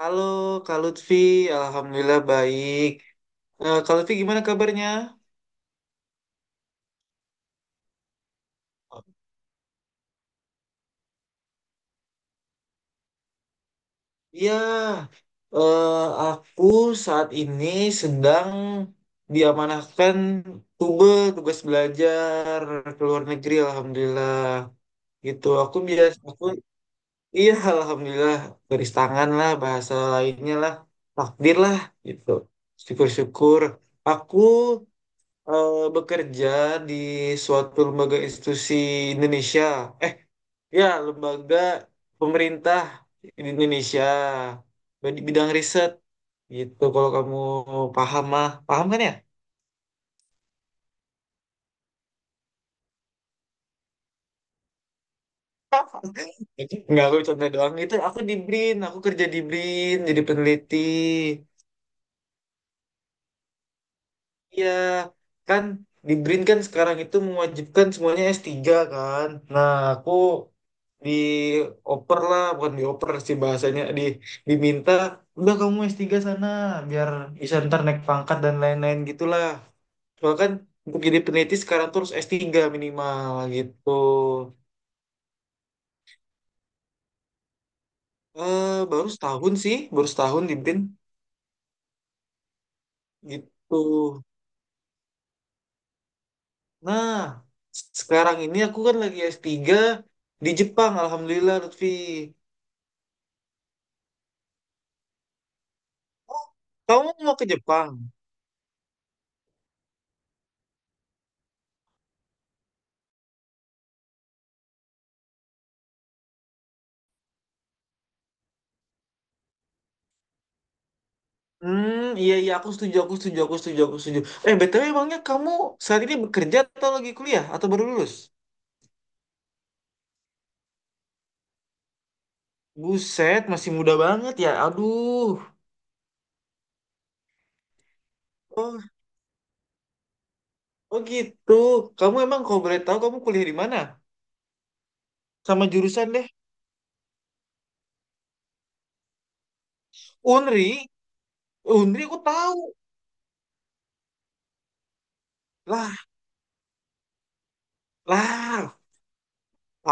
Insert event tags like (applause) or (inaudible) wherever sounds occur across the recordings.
Halo Kak Lutfi, Alhamdulillah baik. Eh, Kak Lutfi, gimana kabarnya? Ya, eh, aku saat ini sedang diamanahkan tube tugas belajar ke luar negeri, Alhamdulillah. Gitu, iya Alhamdulillah, garis tangan lah, bahasa lainnya lah, takdir lah, gitu. Syukur-syukur. Aku bekerja di suatu lembaga institusi Indonesia. Eh, ya, lembaga pemerintah di Indonesia di bidang riset gitu. Kalau kamu paham mah, paham kan ya? Enggak, aku contoh doang. Itu aku di BRIN, aku kerja di BRIN jadi peneliti. Iya, kan di BRIN kan sekarang itu mewajibkan semuanya s tiga kan. Nah, aku dioper lah, bukan dioper sih bahasanya, diminta, udah kamu s tiga sana, biar bisa ntar naik pangkat dan lain-lain gitulah. Soalnya kan untuk jadi peneliti sekarang terus s tiga minimal gitu. Eh, baru setahun sih, baru setahun di BIN gitu. Nah, sekarang ini aku kan lagi s tiga di Jepang, Alhamdulillah Lutfi. Kamu mau ke Jepang? Hmm, iya iya aku setuju, aku setuju, aku setuju, aku setuju. Eh, BTW emangnya kamu saat ini bekerja atau lagi kuliah atau baru lulus? Buset, masih muda banget ya. Aduh. Oh, oh gitu. Kamu emang kalau boleh tahu kamu kuliah di mana? Sama jurusan deh. Unri, Unri aku tahu. Lah, lah.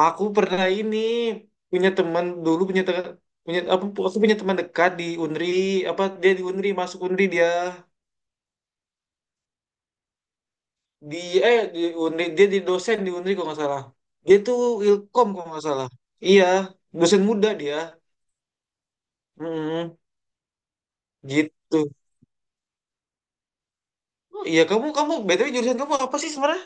Aku pernah ini punya teman dulu, punya apa punya teman dekat di Unri, apa dia di Unri, masuk Unri dia. di di Unri dia dosen di Unri kalau nggak salah, dia tuh ilkom kalau nggak salah, iya, dosen muda dia. Mm, gitu. Oh, iya, kamu kamu BTW jurusan kamu apa sih sebenarnya,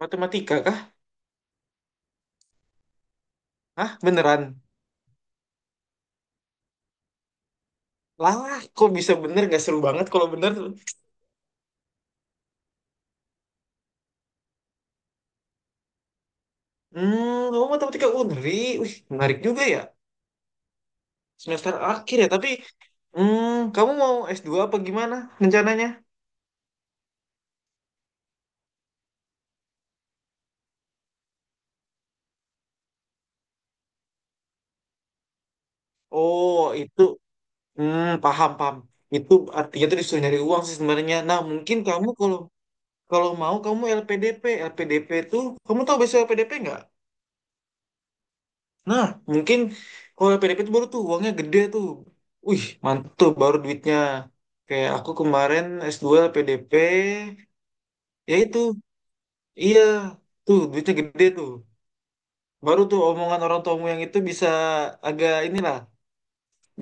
matematika kah? Hah, beneran? Lah, kok bisa bener, nggak seru banget kalau bener. Hmm, kamu matematika Unri, wih menarik juga ya. Semester akhir ya tapi. Hmm, kamu mau s dua apa gimana rencananya? Oh itu, hmm, paham, paham. Itu artinya tuh disuruh nyari uang sih sebenarnya. Nah, mungkin kamu kalau kalau mau kamu LPDP. LPDP tuh, kamu tahu besok LPDP nggak? Nah, mungkin kalau LPDP tuh baru tuh uangnya gede tuh. Wih, mantul baru duitnya. Kayak aku kemarin S2 LPDP, ya itu. Iya, tuh duitnya gede tuh. Baru tuh omongan orang tuamu yang itu bisa agak inilah,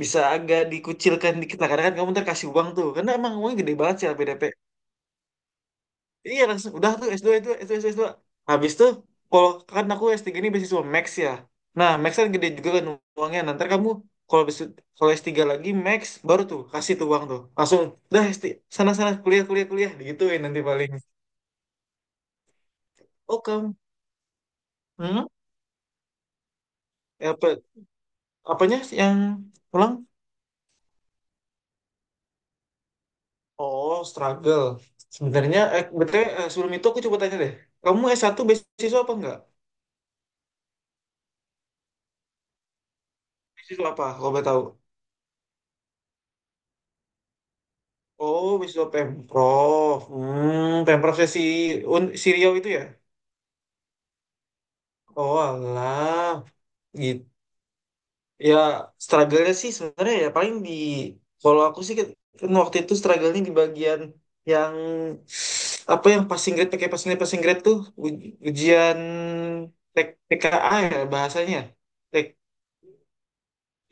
bisa agak dikucilkan dikit lah. Karena kan kamu ntar kasih uang tuh. Karena emang uangnya gede banget sih LPDP. Iya, langsung udah tuh s dua itu S2 s dua. Habis tuh kalau, kan aku s tiga ini beasiswa Max ya. Nah, Max kan gede juga kan uangnya. Nanti kamu kalau besu- kalau s tiga lagi Max baru tuh kasih tuh uang tuh. Langsung dah s tiga sana-sana kuliah kuliah kuliah digituin nanti paling. Oh, kamu. Hmm? Ya, apa, apanya sih yang pulang? Oh, struggle. Sebenarnya betul, sebelum itu aku coba tanya deh. Kamu s satu beasiswa apa enggak? Beasiswa apa kalau boleh tahu? Oh, wisuda Pemprov. Hmm, Pemprovnya si Riau itu ya? Oh, alah. Gitu. Ya, struggle-nya sih sebenarnya ya paling di... Kalau aku sih kan waktu itu struggle-nya di bagian yang... Apa yang passing grade, pakai passing grade tuh. Ujian TKA ya bahasanya.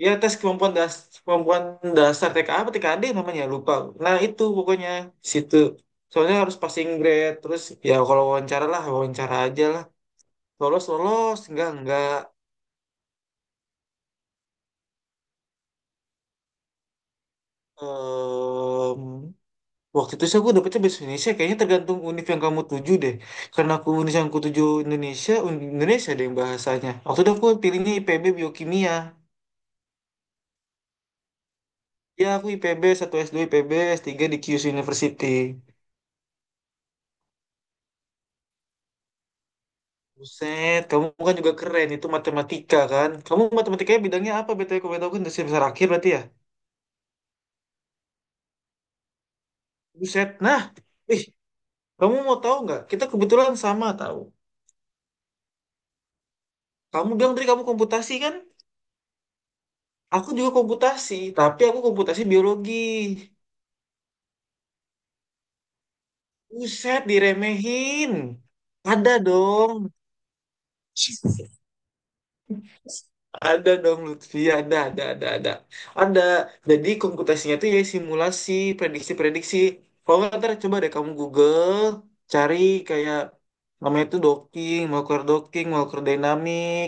Ya, tes kemampuan dasar, kemampuan dasar TK apa TKD namanya lupa. Nah itu pokoknya di situ soalnya harus passing grade terus. Ya kalau wawancara lah, wawancara aja lah, lolos lolos enggak enggak. Em, Waktu itu sih aku dapetnya bahasa Indonesia kayaknya, tergantung univ yang kamu tuju deh. Karena aku univ yang aku tuju Indonesia, Indonesia ada yang bahasanya, waktu itu aku pilihnya IPB biokimia. Ya aku IPB satu, S2 IPB, S3 di Kyushu University. Buset, kamu kan juga keren, itu matematika kan? Kamu matematikanya bidangnya apa? BTW kamu tahu kan dasar besar akhir berarti ya? Buset, nah, ih, kamu mau tahu nggak? Kita kebetulan sama tahu. Kamu bilang tadi kamu komputasi kan? Aku juga komputasi, tapi aku komputasi biologi. Buset, diremehin. Ada dong. (laughs) Ada dong Lutfi, ada, ada. Ada. Jadi komputasinya itu ya simulasi, prediksi-prediksi. Kalau nggak ntar coba deh kamu Google, cari kayak namanya itu docking, Walker dynamic,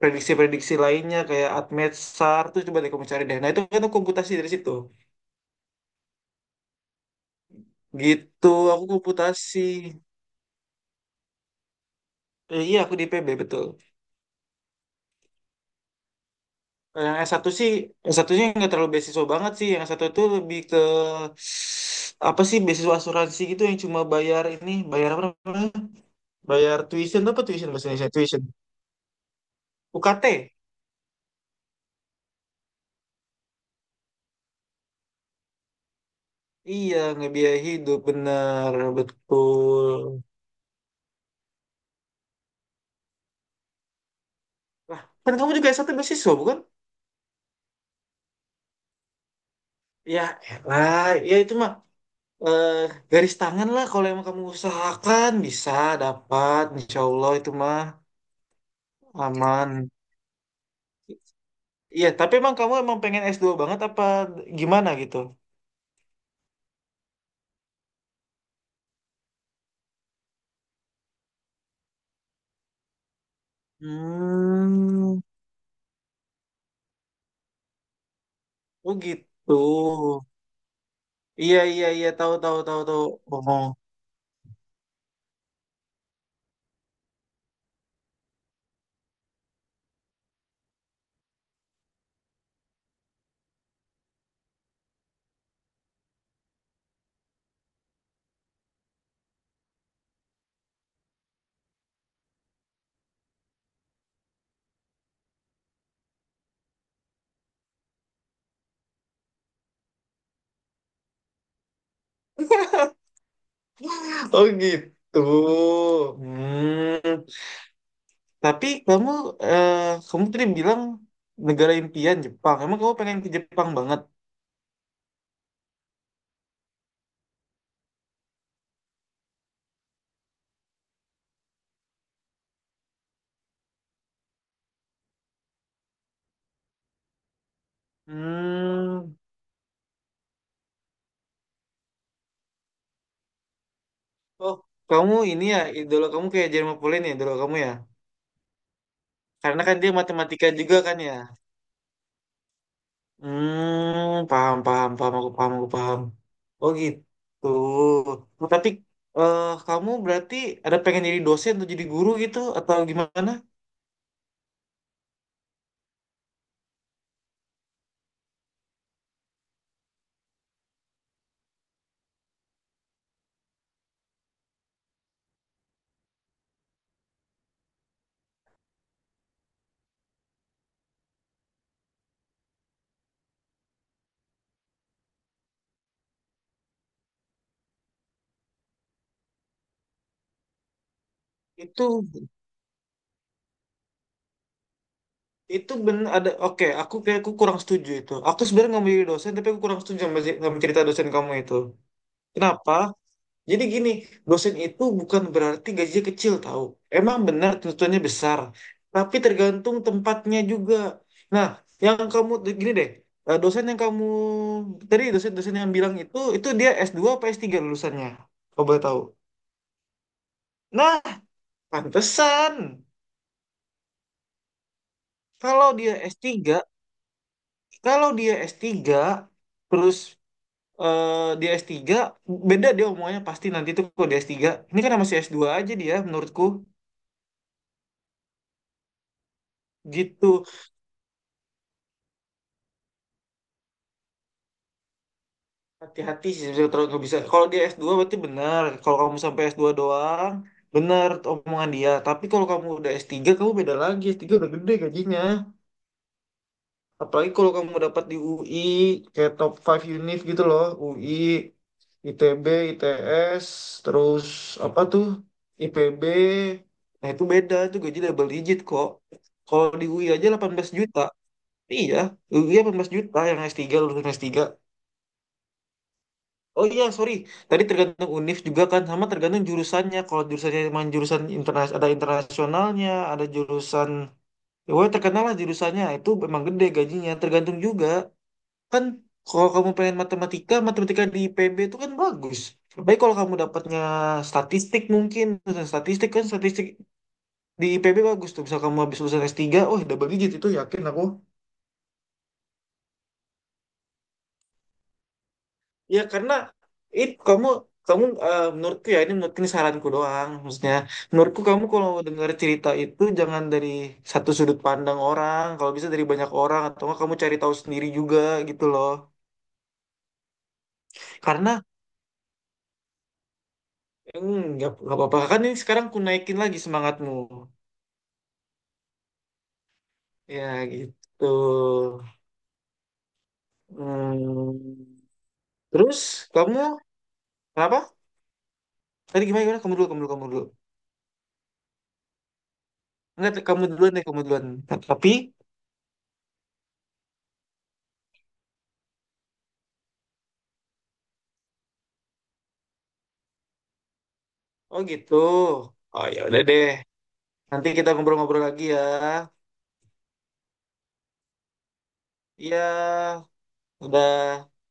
prediksi-prediksi lainnya kayak ATMET, SAR, tuh coba deh kamu cari deh. Nah itu kan komputasi dari situ. Gitu, aku komputasi. Iya aku di IPB betul. Kalau yang S1 sih, s satunya nggak terlalu beasiswa banget sih. Yang S1 itu lebih ke apa sih, beasiswa asuransi gitu yang cuma bayar ini, bayar apa namanya? Bayar tuition, apa tuition bahasa Indonesia? Tuition. UKT. Iya, ngebiayai hidup bener betul. Lah, kan kamu juga S1 beasiswa bukan? Ya, lah, ya itu mah eh, garis tangan lah kalau emang kamu usahakan bisa dapat, insya Allah itu mah aman. Iya, tapi emang kamu emang pengen s dua banget apa gimana gitu? Hmm, oh gitu. Iya iya iya tahu tahu tahu tahu. Oh. (laughs) Oh gitu. Hmm. Tapi kamu eh, kamu tadi bilang negara impian Jepang. Emang kamu pengen ke Jepang banget? Hmm. Oh, kamu ini ya idola kamu kayak Jermain Pauline ya idola kamu ya. Karena kan dia matematika juga kan ya. Hmm, paham, paham, paham, aku paham, aku paham. Oh gitu. Oh, tapi eh kamu berarti ada pengen jadi dosen atau jadi guru gitu atau gimana? Itu itu bener ada, oke, aku kayak aku kurang setuju itu. Aku sebenarnya nggak mau jadi dosen tapi aku kurang setuju sama, sama cerita dosen kamu itu. Kenapa? Jadi gini, dosen itu bukan berarti gajinya kecil tahu. Emang benar tuntutannya besar, tapi tergantung tempatnya juga. Nah, yang kamu gini deh, dosen yang kamu tadi, dosen-dosen yang bilang itu dia s dua, apa S3 lulusannya? Kau boleh tahu. Nah, pantesan. Kalau dia s tiga, kalau dia s tiga, terus eh, dia s tiga, beda dia omongannya pasti nanti tuh kalau dia s tiga. Ini kan masih s dua aja dia menurutku gitu. Hati-hati sih sebenarnya kalau nggak bisa. Kalau dia s dua berarti benar. Kalau kamu sampai s dua doang, benar omongan dia. Tapi kalau kamu udah s tiga, kamu beda lagi. S tiga udah gede gajinya. Apalagi kalau kamu dapat di UI, kayak top five univ gitu loh. UI, ITB, ITS, terus apa tuh? IPB. Nah itu beda, itu gaji double digit kok. Kalau di UI aja 18 juta. Iya, UI belas juta yang s tiga, lulusan s tiga. Oh iya, sorry. Tadi tergantung univ juga kan, sama tergantung jurusannya. Kalau jurusannya emang jurusan internas, ada internasionalnya, ada jurusan, ya woy, terkenal lah jurusannya. Itu memang gede gajinya. Tergantung juga kan. Kalau kamu pengen matematika, matematika di IPB itu kan bagus. Baik kalau kamu dapatnya statistik mungkin, lulusan statistik kan statistik di IPB bagus tuh. Misal kamu habis lulusan S3, oh double digit itu yakin aku. Ya karena kamu, menurutku ya, ini menurutku ini saranku doang maksudnya, menurutku kamu kalau dengar cerita itu jangan dari satu sudut pandang orang, kalau bisa dari banyak orang atau enggak kamu cari tahu sendiri juga gitu loh. Karena hmm, nggak apa-apa kan, ini sekarang ku naikin lagi semangatmu ya, gitu. Hmm. Terus kamu apa tadi, gimana gimana, kamu dulu, kamu dulu, kamu dulu. Enggak, kamu duluan deh kamu duluan tapi. Oh gitu. Oh ya udah deh. Nanti kita ngobrol-ngobrol lagi ya. Iya, udah.